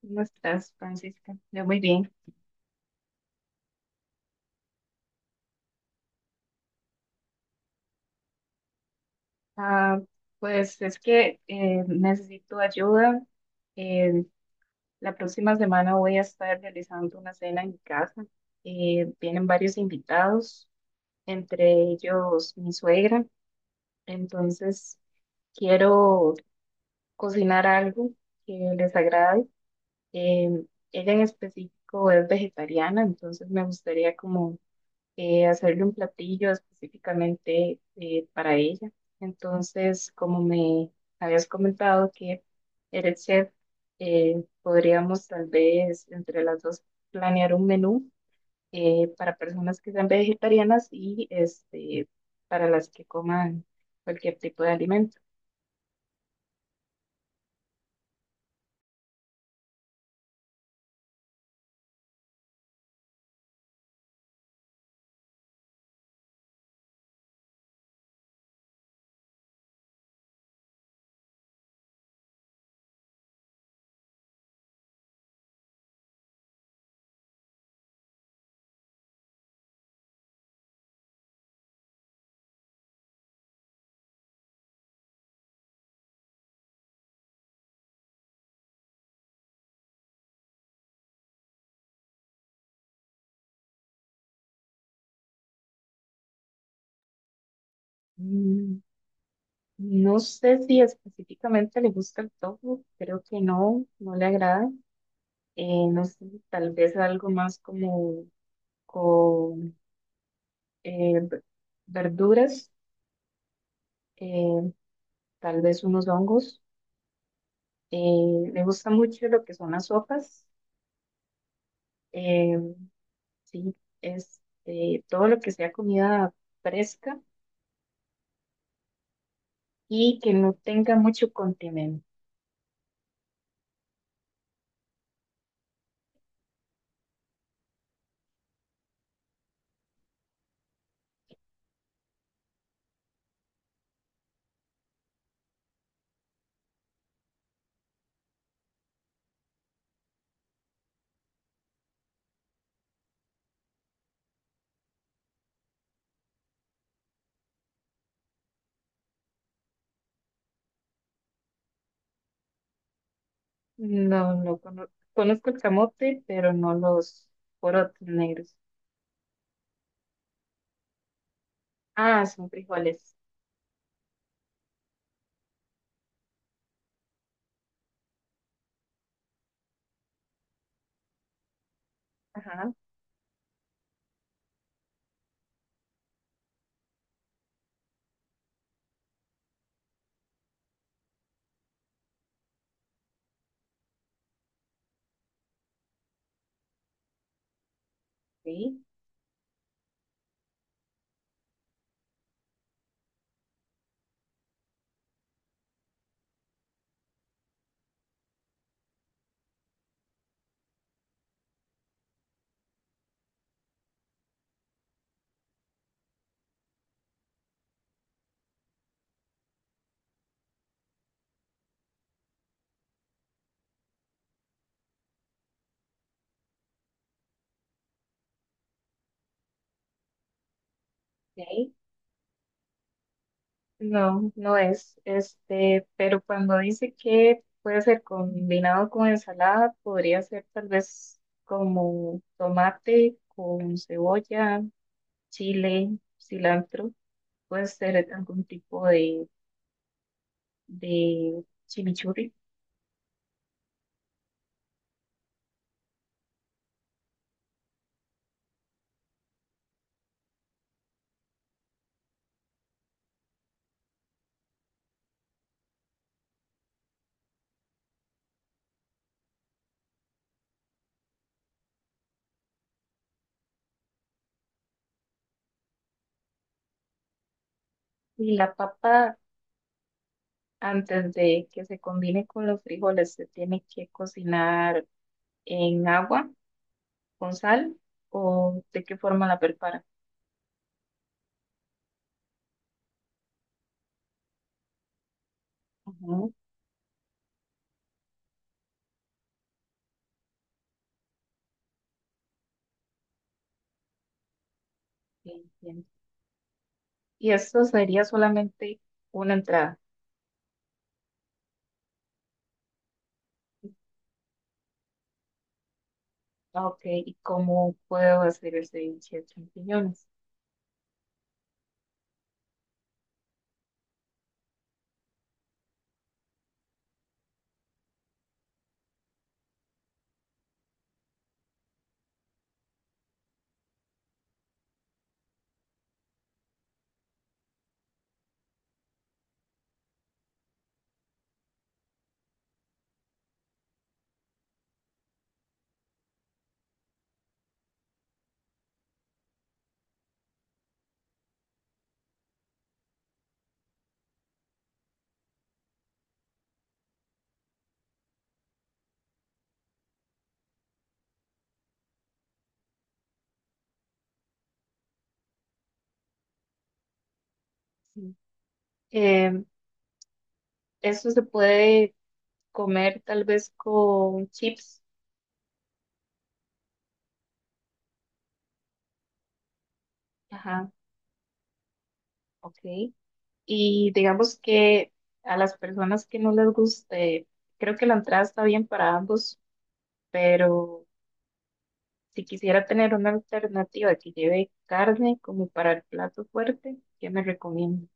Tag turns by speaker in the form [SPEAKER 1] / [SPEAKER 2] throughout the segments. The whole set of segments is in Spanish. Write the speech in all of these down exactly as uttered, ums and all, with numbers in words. [SPEAKER 1] ¿Cómo estás, Francisca? Yo muy bien. Ah, pues es que eh, necesito ayuda. Eh, la próxima semana voy a estar realizando una cena en mi casa. Eh, vienen varios invitados, entre ellos mi suegra. Entonces quiero cocinar algo que les agrade. Eh, Ella en específico es vegetariana, entonces me gustaría como eh, hacerle un platillo específicamente eh, para ella. Entonces, como me habías comentado que eres chef, eh, podríamos tal vez entre las dos planear un menú eh, para personas que sean vegetarianas y este, para las que coman cualquier tipo de alimento. Mm, no sé si específicamente le gusta el tofu, creo que no, no le agrada. Eh, no sé, tal vez algo más como con eh, v- verduras, eh, tal vez unos hongos. Eh, me gusta mucho lo que son las sopas. eh, sí, es eh, todo lo que sea comida fresca y que no tenga mucho condimento. No, no cono- conozco el camote, pero no los porotos negros. Ah, son frijoles. Ajá, sí, ok. No, no es. Este, pero cuando dice que puede ser combinado con ensalada, podría ser tal vez como tomate con cebolla, chile, cilantro. Puede ser algún tipo de, de chimichurri. Y la papa, antes de que se combine con los frijoles, se tiene que cocinar en agua con sal. ¿O de qué forma la prepara? Ujú, sí. Ajá. Y esto sería solamente una entrada. Ah, ok, ¿y cómo puedo hacer el ceviche de champiñones? Sí. Em, esto se puede comer tal vez con chips. Ajá, ok. Y digamos que a las personas que no les guste, creo que la entrada está bien para ambos, pero si quisiera tener una alternativa que lleve carne como para el plato fuerte, ¿qué me recomiendo?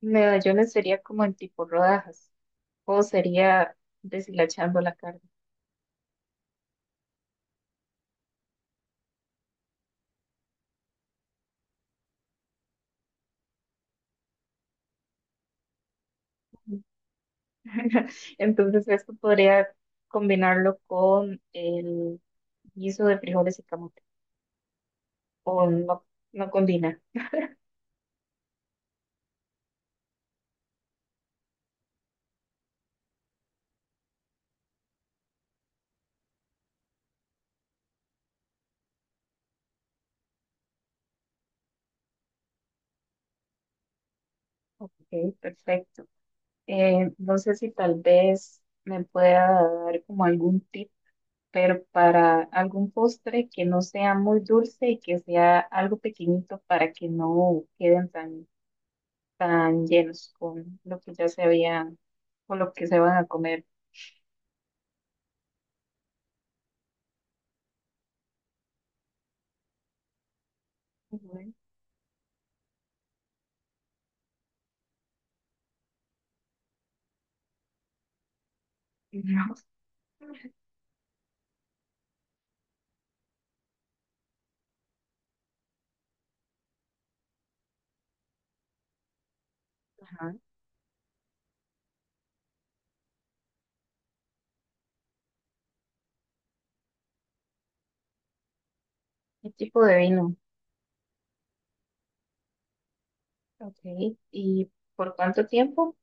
[SPEAKER 1] Medallones sería como en tipo rodajas, o sería deshilachando la carne. Entonces esto podría combinarlo con el guiso de frijoles y camote, o no, no combina. Ok, perfecto. Eh, no sé si tal vez me pueda dar como algún tip, pero para algún postre que no sea muy dulce y que sea algo pequeñito para que no queden tan tan llenos con lo que ya se había, con lo que se van a comer. Ujú. Ujú. Ajá. ¿Qué tipo de vino? Ok. ¿Y por cuánto tiempo?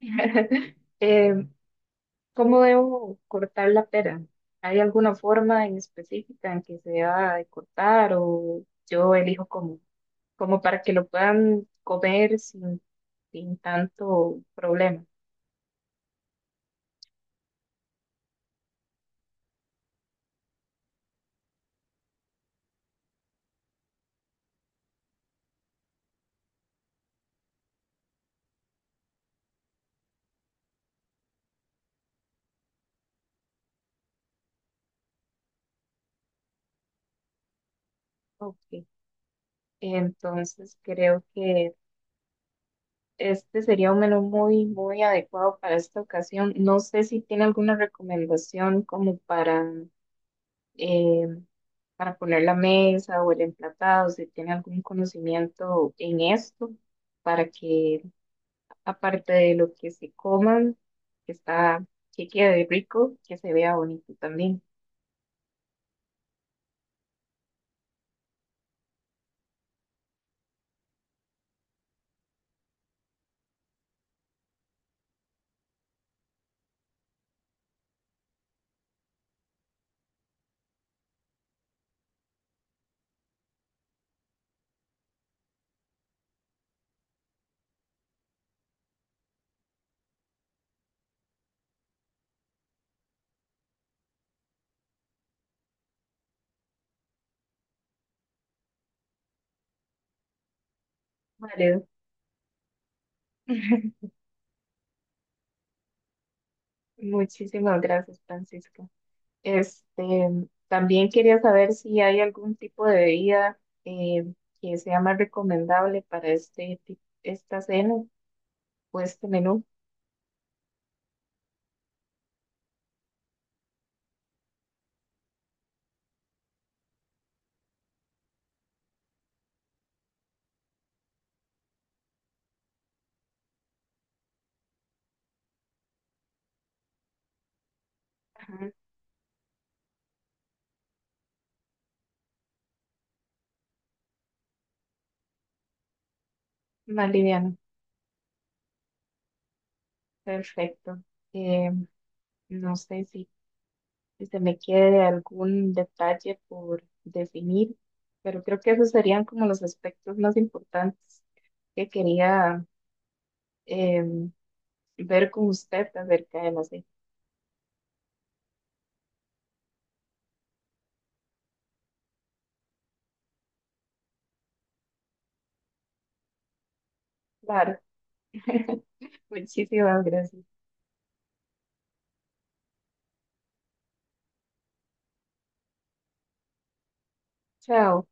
[SPEAKER 1] Eh, ¿cómo debo cortar la pera? ¿Hay alguna forma en específica en que se deba de cortar o yo elijo como, como para que lo puedan comer sin, sin tanto problema? Ok. Entonces creo que este sería un menú muy, muy adecuado para esta ocasión. No sé si tiene alguna recomendación como para, eh, para poner la mesa o el emplatado, si tiene algún conocimiento en esto, para que aparte de lo que se coman, que está, que quede rico, que se vea bonito también. Vale. Muchísimas gracias, Francisco. Este, también quería saber si hay algún tipo de bebida eh, que sea más recomendable para este, ti- esta cena o este menú. Ajá. Más liviano. Perfecto. Eh, no sé si, si se me quede algún detalle por definir, pero creo que esos serían como los aspectos más importantes que quería em, ver con usted acerca de la cena. Claro. Muchísimas gracias. Chao.